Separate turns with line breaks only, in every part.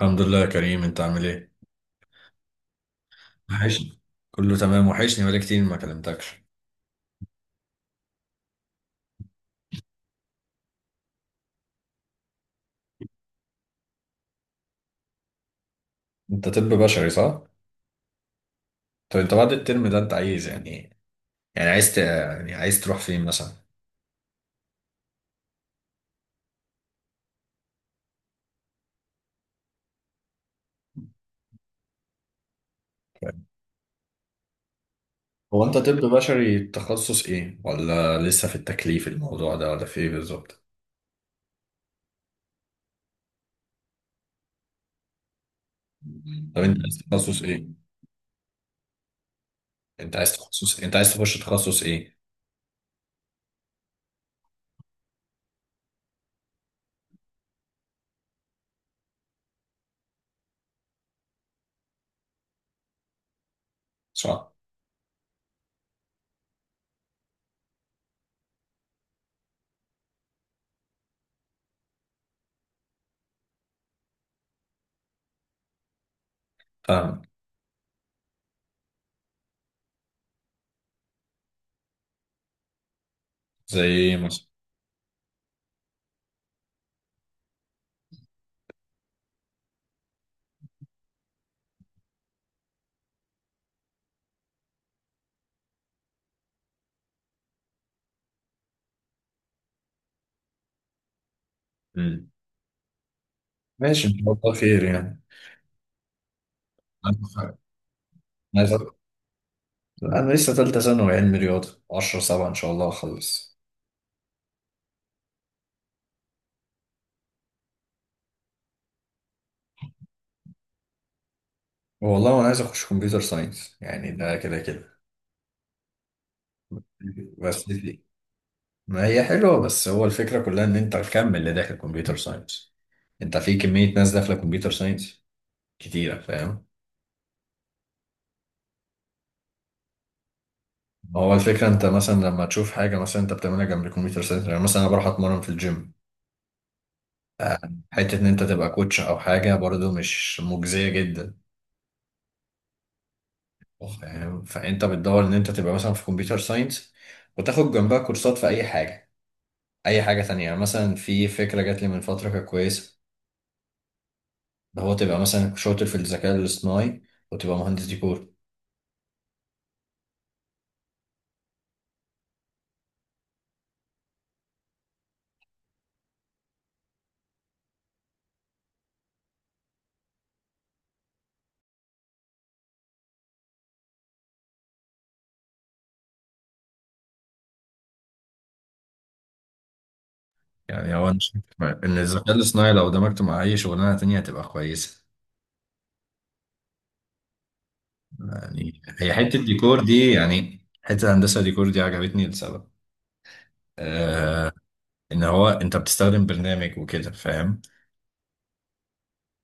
الحمد لله يا كريم، انت عامل ايه؟ وحشني. كله تمام، وحشني بقالي كتير ما كلمتكش. انت طب بشري، صح؟ طب انت بعد الترم ده انت عايز يعني ايه؟ يعني يعني عايز تروح فين مثلا؟ هو انت طب بشري تخصص ايه؟ ولا لسه في التكليف الموضوع ده، ولا في ايه بالظبط؟ طب انت عايز تخصص ايه؟ انت عايز تخش تخصص ايه؟ صح؟ فاهم. زي ايه مثلا؟ مم. ماشي، ان شاء الله خير، يعني. عندك حق. عايز- انا لسه تالتة ثانوي علمي رياضة 10 7، ان شاء الله اخلص. والله انا عايز اخش كمبيوتر ساينس، يعني ده كده كده. بس دي. ما هي حلوه، بس هو الفكره كلها ان انت تكمل اللي داخل كمبيوتر ساينس. انت في كميه ناس داخله كمبيوتر ساينس كتيره، فاهم. هو الفكره انت مثلا لما تشوف حاجه مثلا انت بتعملها جنب الكمبيوتر ساينس، يعني مثلا انا بروح اتمرن في الجيم. آه، حته ان انت تبقى كوتش او حاجه برضو مش مجزيه جدا، فاهم. فانت بتدور ان انت تبقى مثلا في كمبيوتر ساينس وتاخد جنبها كورسات في اي حاجه، اي حاجه تانية. يعني مثلا في فكره جات لي من فتره كانت كويسه. ده هو تبقى مثلا شاطر في الذكاء الاصطناعي وتبقى مهندس ديكور. يعني هو انا شايف ان الذكاء الاصطناعي لو دمجته مع اي شغلانه تانية هتبقى كويسه. يعني هي حته الديكور دي، يعني حته هندسه ديكور دي عجبتني لسبب. آه ان هو انت بتستخدم برنامج وكده، فاهم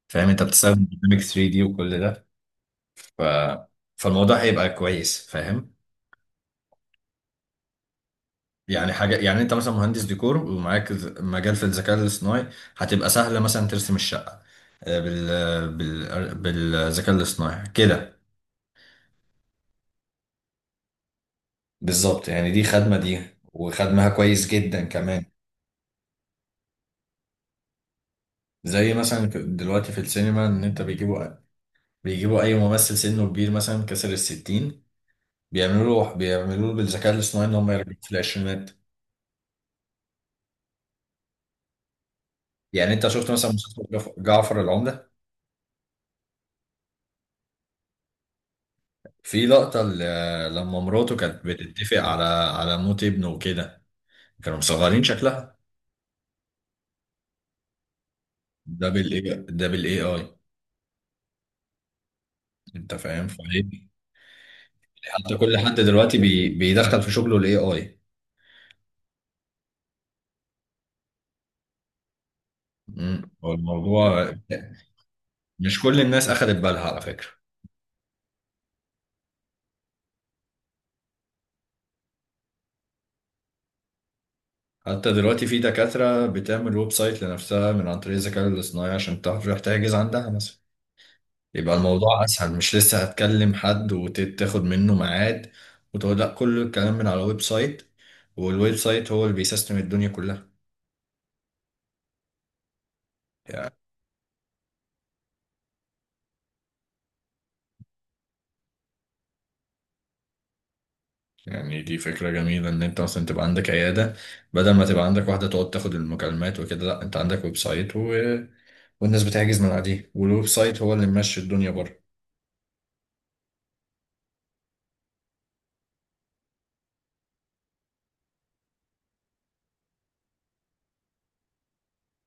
فاهم انت بتستخدم برنامج 3D وكل ده. ف... فالموضوع هيبقى كويس، فاهم. يعني حاجة، يعني انت مثلا مهندس ديكور ومعاك مجال في الذكاء الاصطناعي، هتبقى سهلة مثلا ترسم الشقة آه، بال... بالذكاء الاصطناعي كده. بالظبط، يعني دي خدمة دي، وخدمها كويس جدا كمان. زي مثلا دلوقتي في السينما ان انت بيجيبوا اي ممثل سنه كبير مثلا كسر الستين، بيعملوا له بالذكاء الاصطناعي ان هم يرجعوا في العشرينات. يعني انت شفت مثلا مسلسل جعفر العمدة؟ في لقطة لما مراته كانت بتتفق على موت ابنه وكده، كانوا مصغرين شكلها. ده بالاي، ده بالاي اي. انت فاهم، فليه. حتى كل حد دلوقتي بيدخل في شغله الاي اي. الموضوع، مش كل الناس اخدت بالها على فكرة. حتى دلوقتي في دكاترة بتعمل ويب سايت لنفسها من عن طريق الذكاء الاصطناعي عشان تعرف تحجز عندها مثلا. يبقى الموضوع اسهل، مش لسه هتكلم حد وتاخد منه ميعاد، وتقول لا كل الكلام من على ويب سايت، والويب سايت هو اللي بيسيستم الدنيا كلها، يعني يعني دي فكرة جميلة إن أنت مثلا تبقى عندك عيادة، بدل ما تبقى عندك واحدة تقعد تاخد المكالمات وكده. لأ، أنت عندك ويب سايت والناس بتحجز من عليه، والويب سايت هو اللي ممشي الدنيا بره.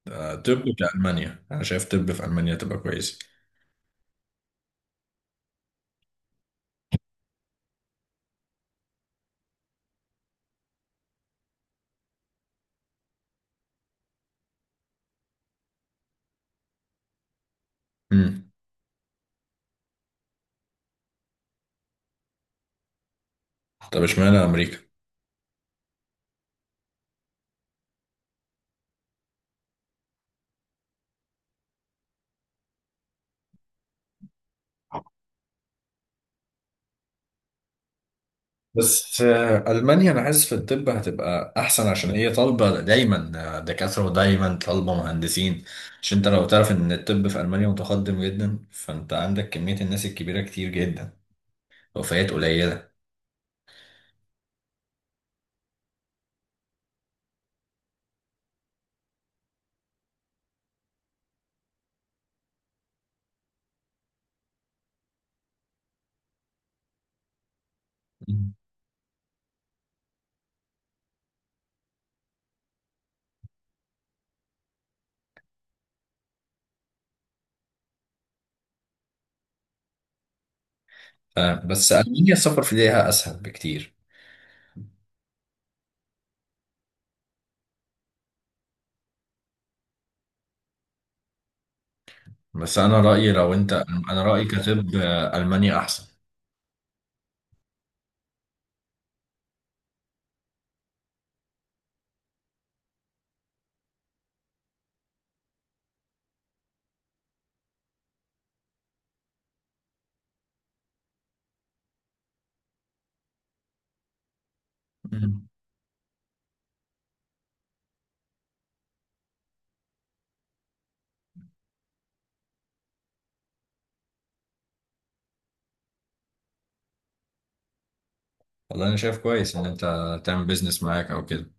طب كألمانيا أنا شايف، طب في ألمانيا تبقى كويسة. امم طب اشمعنى أمريكا؟ بس ألمانيا أنا حاسس في الطب هتبقى أحسن، عشان هي طالبة دايما دكاترة ودايما طالبة مهندسين. عشان أنت لو تعرف إن الطب في ألمانيا متقدم جدا، فأنت عندك كمية الناس الكبيرة كتير جدا، وفيات قليلة. بس ألمانيا السفر في ليها أسهل بكتير. بس أنا رأيي لو أنت أنا رأيي كطب ألمانيا أحسن. مم. والله أنا شايف كويس إن أنت تعمل بيزنس معاك أو كده.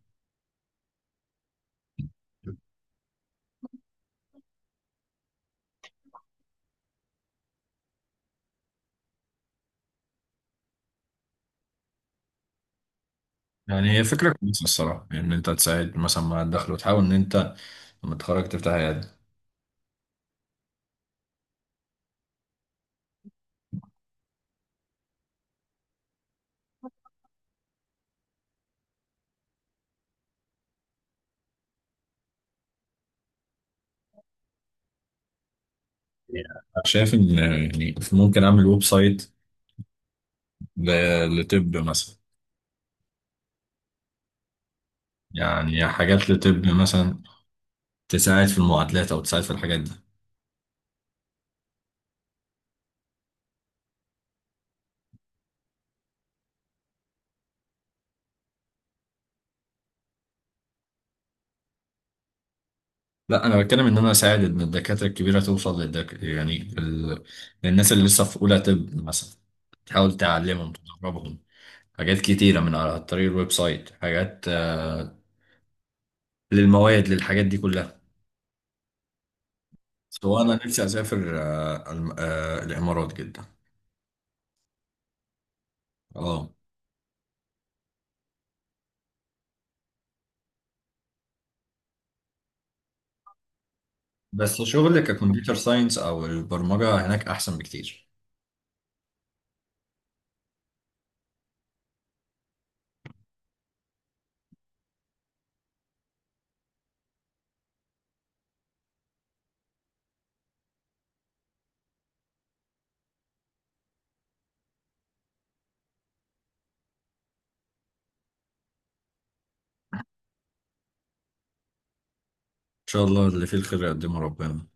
يعني هي فكرة كويسة الصراحة، يعني إن أنت تساعد مثلا مع الدخل، وتحاول إن أنت لما تتخرج تفتح عيادة. أنا شايف إن يعني ممكن أعمل ويب سايت لطب مثلا، يعني حاجات لطب مثلا، تساعد في المعادلات أو تساعد في الحاجات دي. لا، انا بتكلم ان انا اساعد ان الدكاتره الكبيره توصل يعني للناس اللي لسه في اولى طب مثلا، تحاول تعلمهم تدربهم حاجات كتيره من على طريق الويب سايت، حاجات للمواد، للحاجات دي كلها. سواء انا نفسي اسافر الامارات جدا. اه. بس شغل ككمبيوتر ساينس او البرمجه هناك احسن بكتير. ان شاء الله اللي فيه الخير يقدمه ربنا.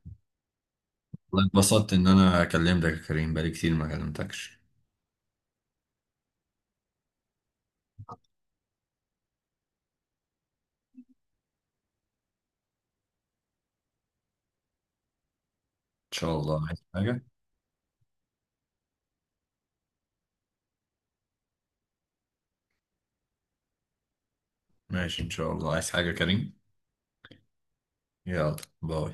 والله اتبسطت ان انا كلمتك يا كريم، بقالي كتير ما كلمتكش. ان شاء الله، عايز حاجه؟ ماشي، إن شاء الله، عايز حاجة يا كريم؟ يلا، باي.